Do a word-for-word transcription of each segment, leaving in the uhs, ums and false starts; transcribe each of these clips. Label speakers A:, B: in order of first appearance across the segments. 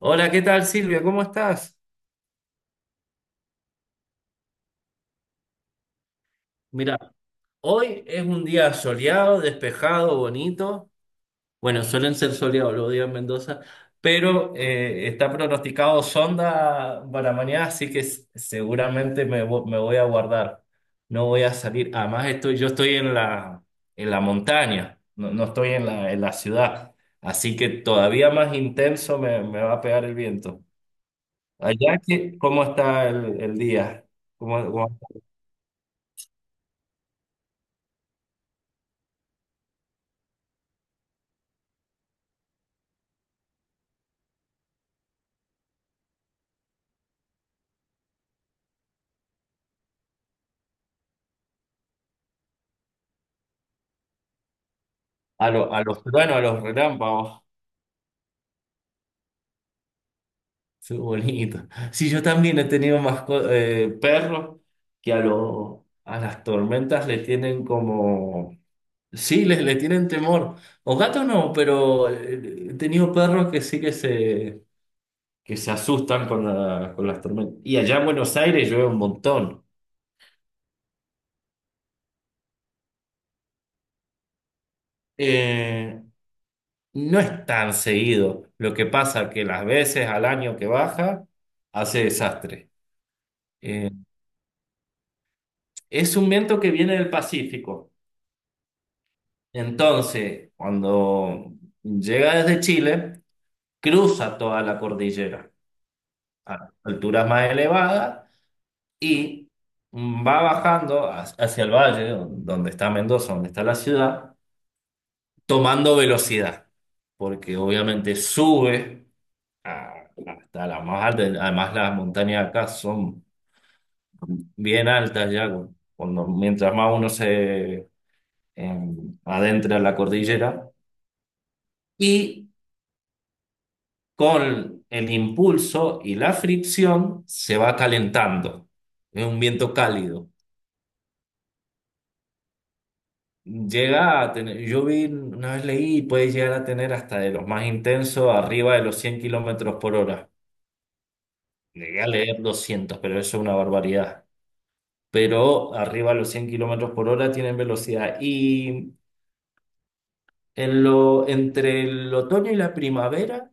A: Hola, ¿qué tal Silvia? ¿Cómo estás? Mira, hoy es un día soleado, despejado, bonito. Bueno, suelen ser soleados los días en Mendoza, pero eh, está pronosticado sonda para mañana, así que s- seguramente me, vo- me voy a guardar. No voy a salir. Además, estoy, yo estoy en la, en la montaña, no, no estoy en la, en la ciudad, así que todavía más intenso me, me va a pegar el viento. Allá, ¿qué- ¿cómo está el, el día? A, lo- a los truenos, a los relámpagos. Qué bonito. Sí, yo también he tenido más perros que a, los a las tormentas le tienen como. Sí, les le tienen temor. O gatos no, pero eh, he tenido perros que sí que se, que se asustan con, la- con las tormentas. Y allá en Buenos Aires llueve un montón. Eh, no es tan seguido. Lo que pasa que las veces al año que baja, hace desastre. Eh, Es un viento que viene del Pacífico. Entonces, cuando llega desde Chile, cruza toda la cordillera a alturas más elevadas y va bajando hacia hacia el valle, donde está Mendoza, donde está la ciudad, tomando velocidad, porque obviamente sube a- hasta la más alta. Además, las montañas acá son bien altas ya, cuando, mientras más uno se em, adentra en la cordillera y con el impulso y la fricción se va calentando. Es un viento cálido. Llega a tener, yo vi, una vez leí, puede llegar a tener, hasta de los más intensos, arriba de los cien kilómetros por hora. Llegué a leer doscientos, pero eso es una barbaridad. Pero arriba de los cien kilómetros por hora tienen velocidad. Y en lo, entre el otoño y la primavera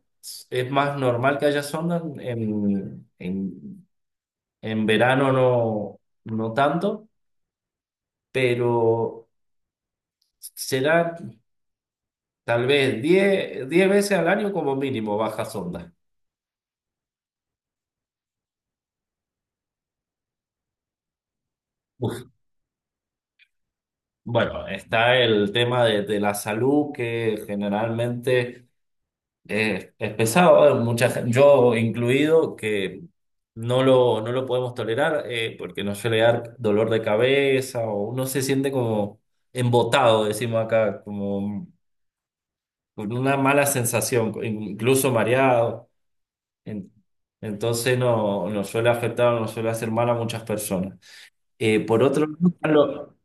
A: es más normal que haya zonas en, en En verano no, no tanto, pero será tal vez diez diez veces al año como mínimo bajas ondas. Uf, bueno, está el tema de, de la salud, que generalmente eh, es pesado, eh, mucha, gen- yo incluido, que no lo, no lo podemos tolerar, eh, porque nos suele dar dolor de cabeza, o uno se siente como embotado, decimos acá, como con una mala sensación, incluso mareado. En- Entonces no, no suele afectar, no suele hacer mal a muchas personas. Eh, por otro lado, lo-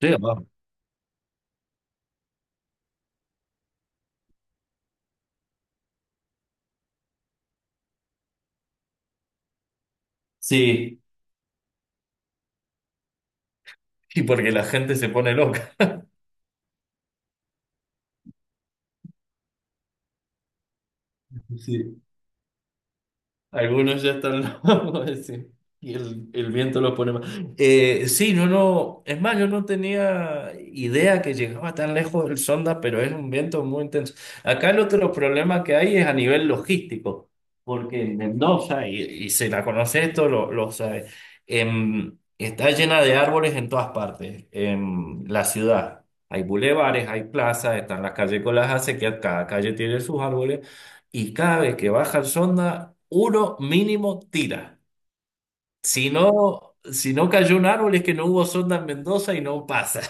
A: sí, ah, sí, sí, porque la gente se pone loca. Sí. Algunos ya están locos, sí. Y el, el viento los pone más. Eh, sí, no, no. Es más, yo no tenía idea que llegaba tan lejos el sonda, pero es un viento muy intenso. Acá el otro problema que hay es a nivel logístico, porque en Mendoza, y, y se la conoce esto, lo, lo sabe, em, está llena de árboles en todas partes, en la ciudad. Hay bulevares, hay plazas, están las calles con las acequias, cada calle tiene sus árboles, y cada vez que baja el sonda, uno mínimo tira. Si no, si no cayó un árbol, es que no hubo sonda en Mendoza y no pasa.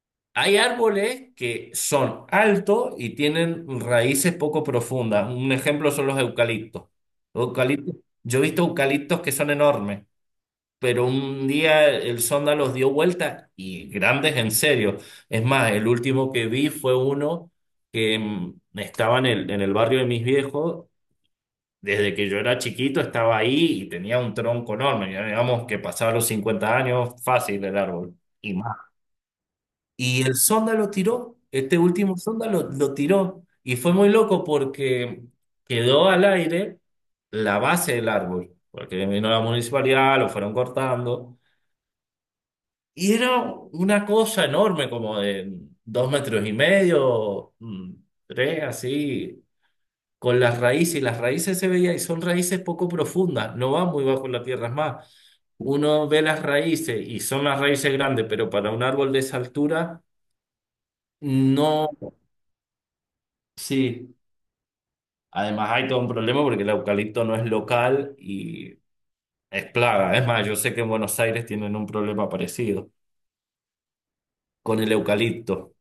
A: Hay árboles que son altos y tienen raíces poco profundas. Un ejemplo son los eucaliptos. Los eucaliptos, yo he visto eucaliptos que son enormes, pero un día el sonda los dio vuelta, y grandes en serio. Es más, el último que vi fue uno que mm, estaba en el, en el barrio de mis viejos. Desde que yo era chiquito estaba ahí, y tenía un tronco enorme, ya digamos que pasaba los cincuenta años fácil el árbol y más. Y el sonda lo tiró, este último sonda lo, lo tiró, y fue muy loco porque quedó al aire la base del árbol, porque vino la municipalidad, lo fueron cortando, y era una cosa enorme como de dos metros y medio, mm, tres así, con las raíces, y las raíces se veía, y son raíces poco profundas, no van muy bajo la tierra. Es más, uno ve las raíces y son las raíces grandes, pero para un árbol de esa altura, no, sí. Además hay todo un problema porque el eucalipto no es local y es plaga. Es más, yo sé que en Buenos Aires tienen un problema parecido con el eucalipto.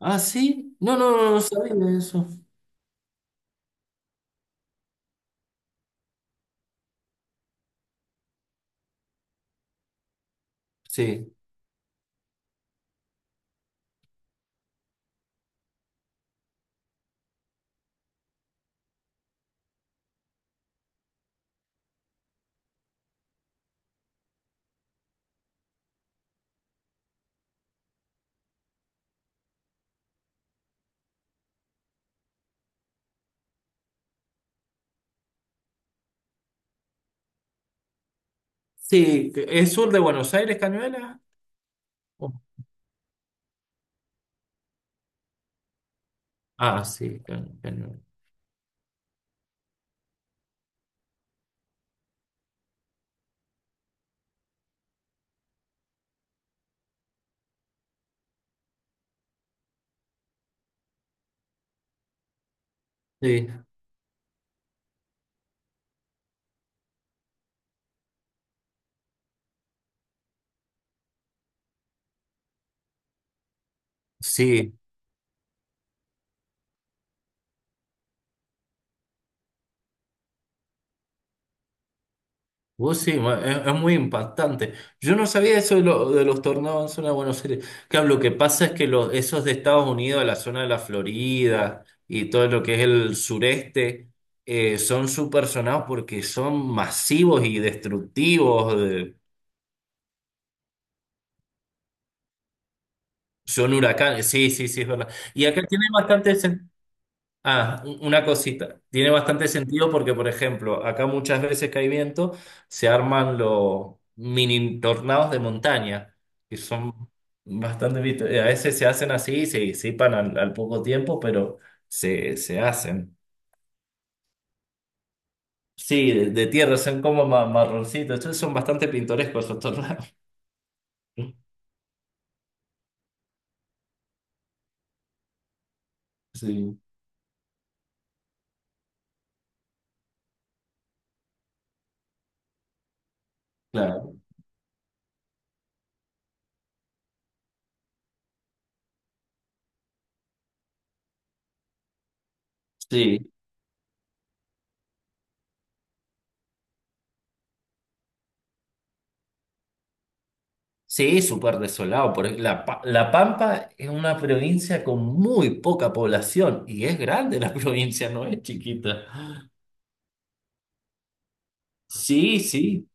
A: Ah, sí. No, no, no, no sabía eso. Sí. Sí, ¿es sur de Buenos Aires, Cañuelas? Oh, ah, sí, Ca- Cañuelas. Sí. Sí. Vos sí, ma- es, es muy impactante. Yo no sabía eso de, lo- de los tornados en zona de Buenos Aires. Claro, lo que pasa es que los, esos de Estados Unidos, la zona de la Florida y todo lo que es el sureste, eh, son súper sonados porque son masivos y destructivos. De- son huracanes. Sí, sí, sí, es verdad. Y acá tiene bastante sentido. Ah, u- una cosita. Tiene bastante sentido porque, por ejemplo, acá muchas veces que hay viento, se arman los mini tornados de montaña, que son bastante vistos. Eh, A veces se hacen, así se disipan al, al poco tiempo, pero se, se hacen. Sí, de, de tierra, son como ma- marroncitos. Entonces son bastante pintorescos esos tornados. Sí, claro. Sí. Sí, súper desolado, porque la, Pa- La Pampa es una provincia con muy poca población, y es grande la provincia, no es chiquita. Sí, sí,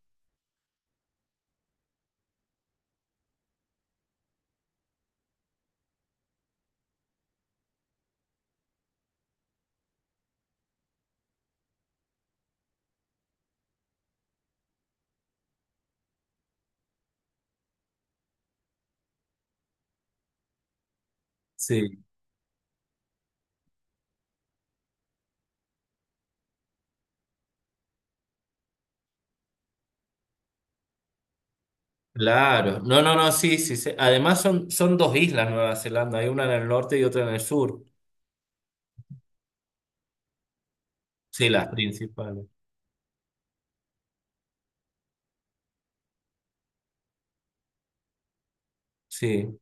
A: sí, claro. No, no, no, sí, sí. Sí. Además son, son dos islas Nueva Zelanda, hay una en el norte y otra en el sur. Sí, las principales. Sí.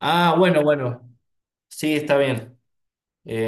A: Ah, bueno, bueno. Sí, está bien. Eh,